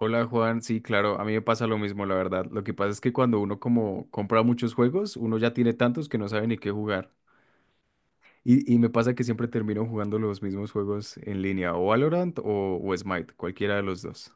Hola Juan, sí, claro, a mí me pasa lo mismo, la verdad. Lo que pasa es que cuando uno como compra muchos juegos, uno ya tiene tantos que no sabe ni qué jugar. Y me pasa que siempre termino jugando los mismos juegos en línea, o Valorant o Smite, cualquiera de los dos.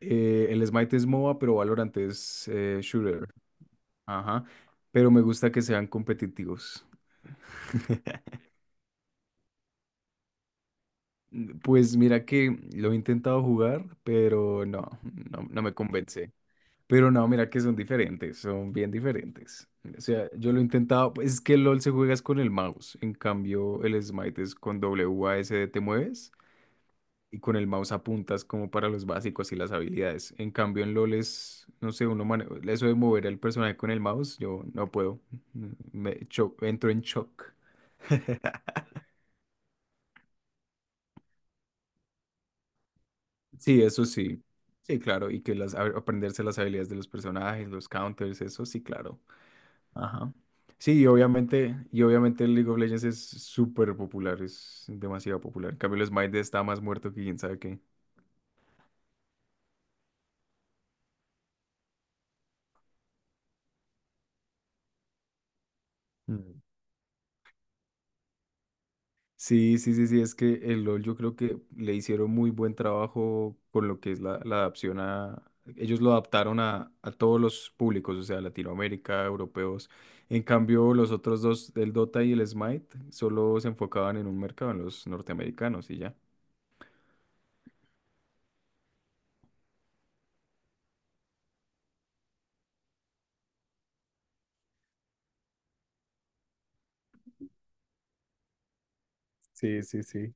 El Smite es MOBA, pero Valorant es shooter. Ajá. Pero me gusta que sean competitivos. Pues mira que lo he intentado jugar, pero no, no, no me convence. Pero no, mira que son diferentes, son bien diferentes. O sea, yo lo he intentado, pues, es que el LOL se juegas con el mouse, en cambio el Smite es con w a s d te mueves y con el mouse apuntas como para los básicos y las habilidades. En cambio en LOL es, no sé, eso de mover al personaje con el mouse, yo no puedo, entro en shock. Sí, eso sí. Sí, claro, y que aprenderse las habilidades de los personajes, los counters, eso sí, claro. Ajá. Sí, y obviamente el League of Legends es súper popular, es demasiado popular. En cambio, el Smite está más muerto que quién sabe qué. Mm. Sí, sí, sí, sí, es que el LoL yo creo que le hicieron muy buen trabajo con lo que es la adaptación a. Ellos lo adaptaron a todos los públicos, o sea, Latinoamérica, europeos. En cambio, los otros dos, el Dota y el Smite, solo se enfocaban en un mercado, en los norteamericanos y ya. Sí, sí, sí.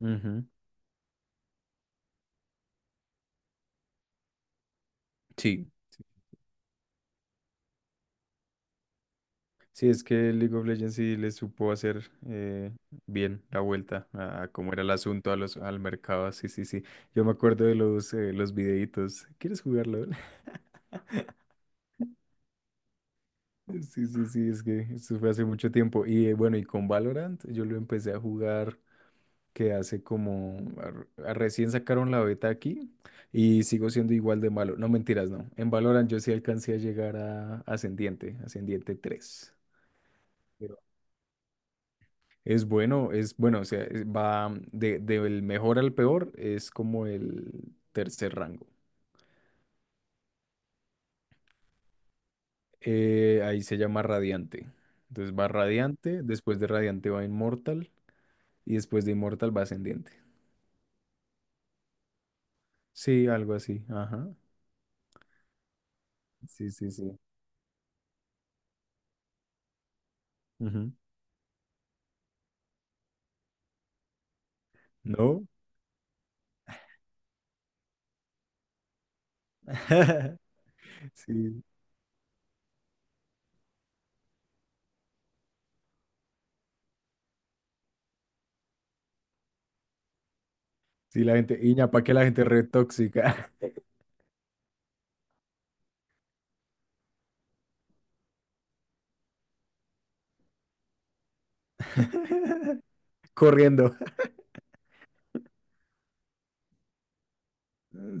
Ujú. Sí. Sí, es que League of Legends sí le supo hacer bien la vuelta a cómo era el asunto a los, al mercado. Sí, sí, sí. Yo me acuerdo de los videitos. ¿Quieres jugarlo? Sí, sí, sí, es que eso fue hace mucho tiempo. Y bueno, y con Valorant yo lo empecé a jugar que hace como. Recién sacaron la beta aquí y sigo siendo igual de malo. No, mentiras, no. En Valorant yo sí alcancé a llegar a Ascendiente, Ascendiente 3. Es bueno, o sea, va del mejor al peor, es como el tercer rango. Ahí se llama Radiante. Entonces va Radiante, después de Radiante va Inmortal y después de Inmortal va Ascendiente. Sí, algo así, ajá. Sí, sí, sí. Ujú. ¿No? Sí, sí, la gente, Iña, ¿para qué la gente re tóxica? Corriendo.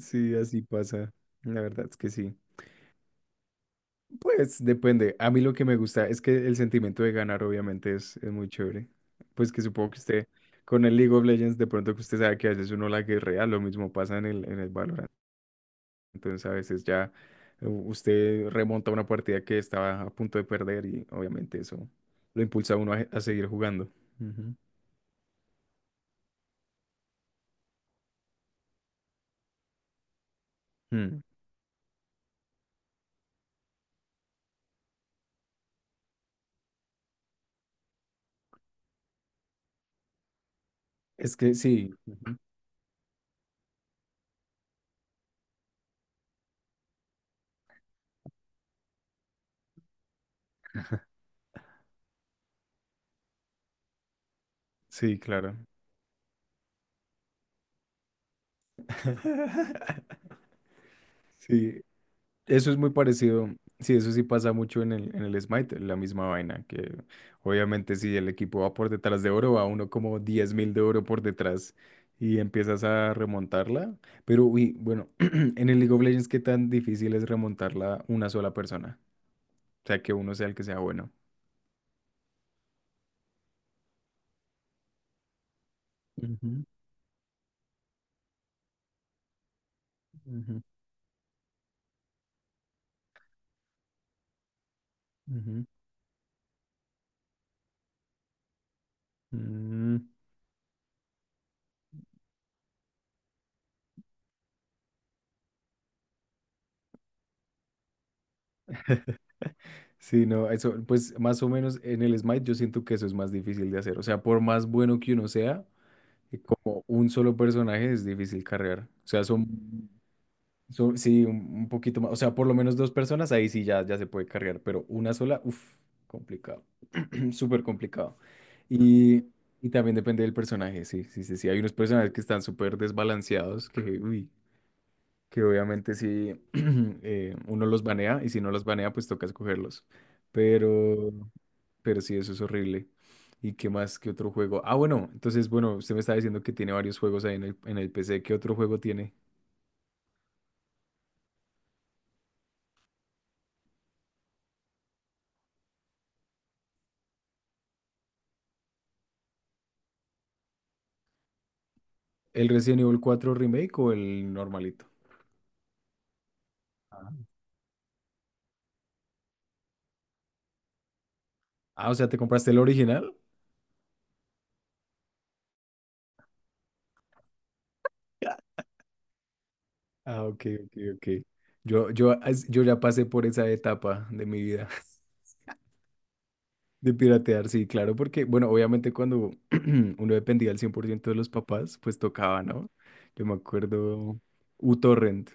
Sí, así pasa. La verdad es que sí. Pues depende. A mí lo que me gusta es que el sentimiento de ganar obviamente es muy chévere. Pues que supongo que usted con el League of Legends de pronto que usted sabe que a veces uno la guerrea, lo mismo pasa en el Valorant. Entonces a veces ya usted remonta una partida que estaba a punto de perder y obviamente eso lo impulsa a uno a seguir jugando. Ujú. Mm. Es que sí, Ujú. Sí, claro. Sí, eso es muy parecido. Sí, eso sí pasa mucho en el Smite, la misma vaina, que obviamente si el equipo va por detrás de oro, va uno como 10.000 de oro por detrás y empiezas a remontarla. Pero uy, bueno, en el League of Legends, ¿qué tan difícil es remontarla una sola persona? O sea, que uno sea el que sea bueno. Ujú, ujú, ujú. Mm. Sí, no, eso, pues más o menos en el Smite yo siento que eso es más difícil de hacer. O sea, por más bueno que uno sea. Y como un solo personaje es difícil cargar. O sea, son, sí, un poquito más. O sea, por lo menos dos personas, ahí sí ya, ya se puede cargar, pero una sola, uff, complicado. Súper complicado. Y, y también depende del personaje, sí, sí, sí, sí. Hay unos personajes que están súper desbalanceados, que, uy, que obviamente si uno los banea y si no los banea pues toca escogerlos. Pero, pero sí, eso es horrible. ¿Y qué más? ¿Qué otro juego? Ah, bueno, entonces, bueno, usted me está diciendo que tiene varios juegos ahí en el PC. ¿Qué otro juego tiene? ¿El Resident Evil 4 Remake o el normalito? Ah, o sea, ¿te compraste el original? Ah, ok, ok, ok. Yo ya pasé por esa etapa de mi vida. De piratear, sí, claro, porque, bueno, obviamente cuando uno dependía al 100% de los papás, pues tocaba, ¿no? Yo me acuerdo uTorrent,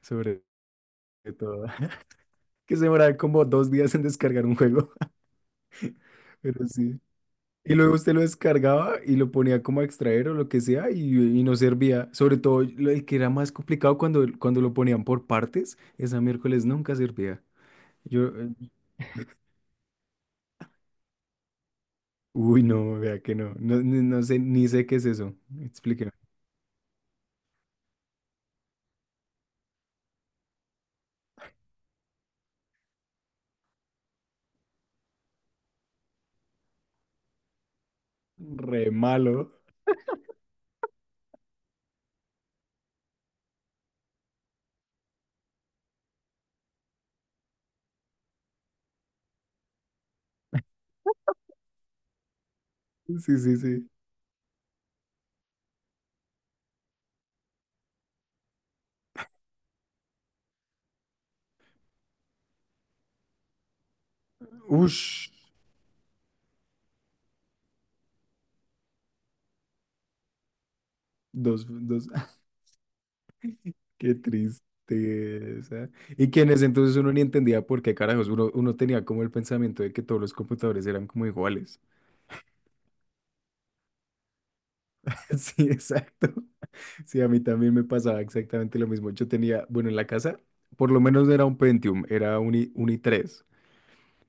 sobre todo, que se demoraba como 2 días en descargar un juego, pero sí. Y luego usted lo descargaba y lo ponía como a extraer o lo que sea y no servía. Sobre todo el que era más complicado cuando, cuando lo ponían por partes, esa miércoles nunca servía. Yo, eh, uy, no, vea que no, no, no sé, ni sé qué es eso. Re malo. Sí, sí, sí. Ush. Dos, dos. Qué tristeza. Y que en ese entonces uno ni entendía por qué carajos. Uno, uno tenía como el pensamiento de que todos los computadores eran como iguales. Sí, exacto. Sí, a mí también me pasaba exactamente lo mismo. Yo tenía, bueno, en la casa, por lo menos no era un Pentium, era un, un i3.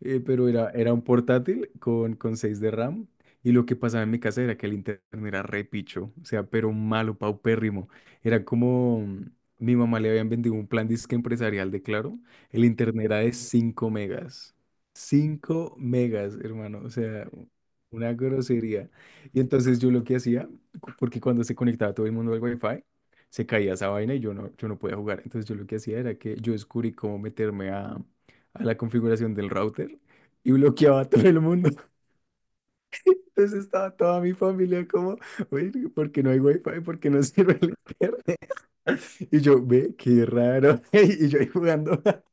Pero era, era un portátil con 6 de RAM. Y lo que pasaba en mi casa era que el internet era re picho, o sea, pero malo, paupérrimo. Era como mi mamá le habían vendido un plan disque empresarial de Claro. El internet era de 5 megas. 5 megas, hermano, o sea, una grosería. Y entonces yo lo que hacía, porque cuando se conectaba todo el mundo al Wi-Fi, se caía esa vaina y yo no, yo no podía jugar. Entonces yo lo que hacía era que yo descubrí cómo meterme a la configuración del router y bloqueaba a todo el mundo. Entonces estaba toda mi familia como, oye, ¿por qué no hay wifi? ¿Por qué no sirve el internet? Y yo, ve, qué raro. Y yo ahí jugando.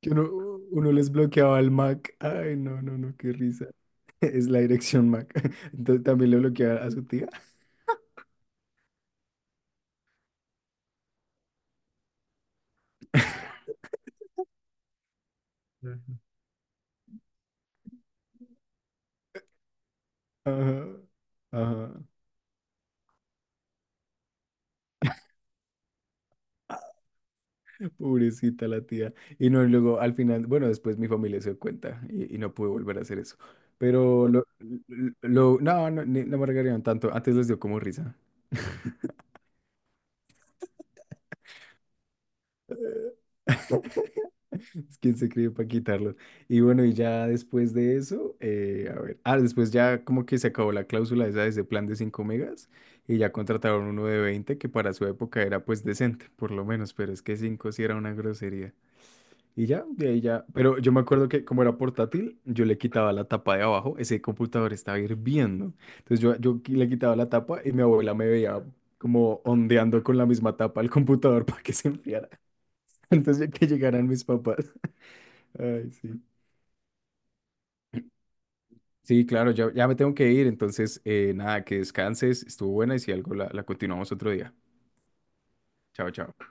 Que uno, uno les bloqueaba al Mac. Ay, no, no, no, qué risa. Es la dirección Mac. Entonces también le bloqueaba a su tía. Ajá, ajá. Pobrecita la tía. Y no, y luego al final, bueno, después mi familia se dio cuenta y no pude volver a hacer eso. Pero no, no, no me regañaron tanto. Antes les dio como risa. Es quien se cree para quitarlo. Y bueno, y ya después de eso, a ver, ah, después ya como que se acabó la cláusula esa de ese plan de 5 megas y ya contrataron uno de 20 que para su época era pues decente, por lo menos, pero es que 5 sí era una grosería. Y ya, de ahí ya. Pero yo me acuerdo que como era portátil, yo le quitaba la tapa de abajo, ese computador estaba hirviendo. Entonces yo le quitaba la tapa y mi abuela me veía como ondeando con la misma tapa al computador para que se enfriara antes de que llegaran mis papás. Ay, sí. Sí, claro, ya, ya me tengo que ir. Entonces, nada, que descanses. Estuvo buena y si algo la continuamos otro día. Chao, chao.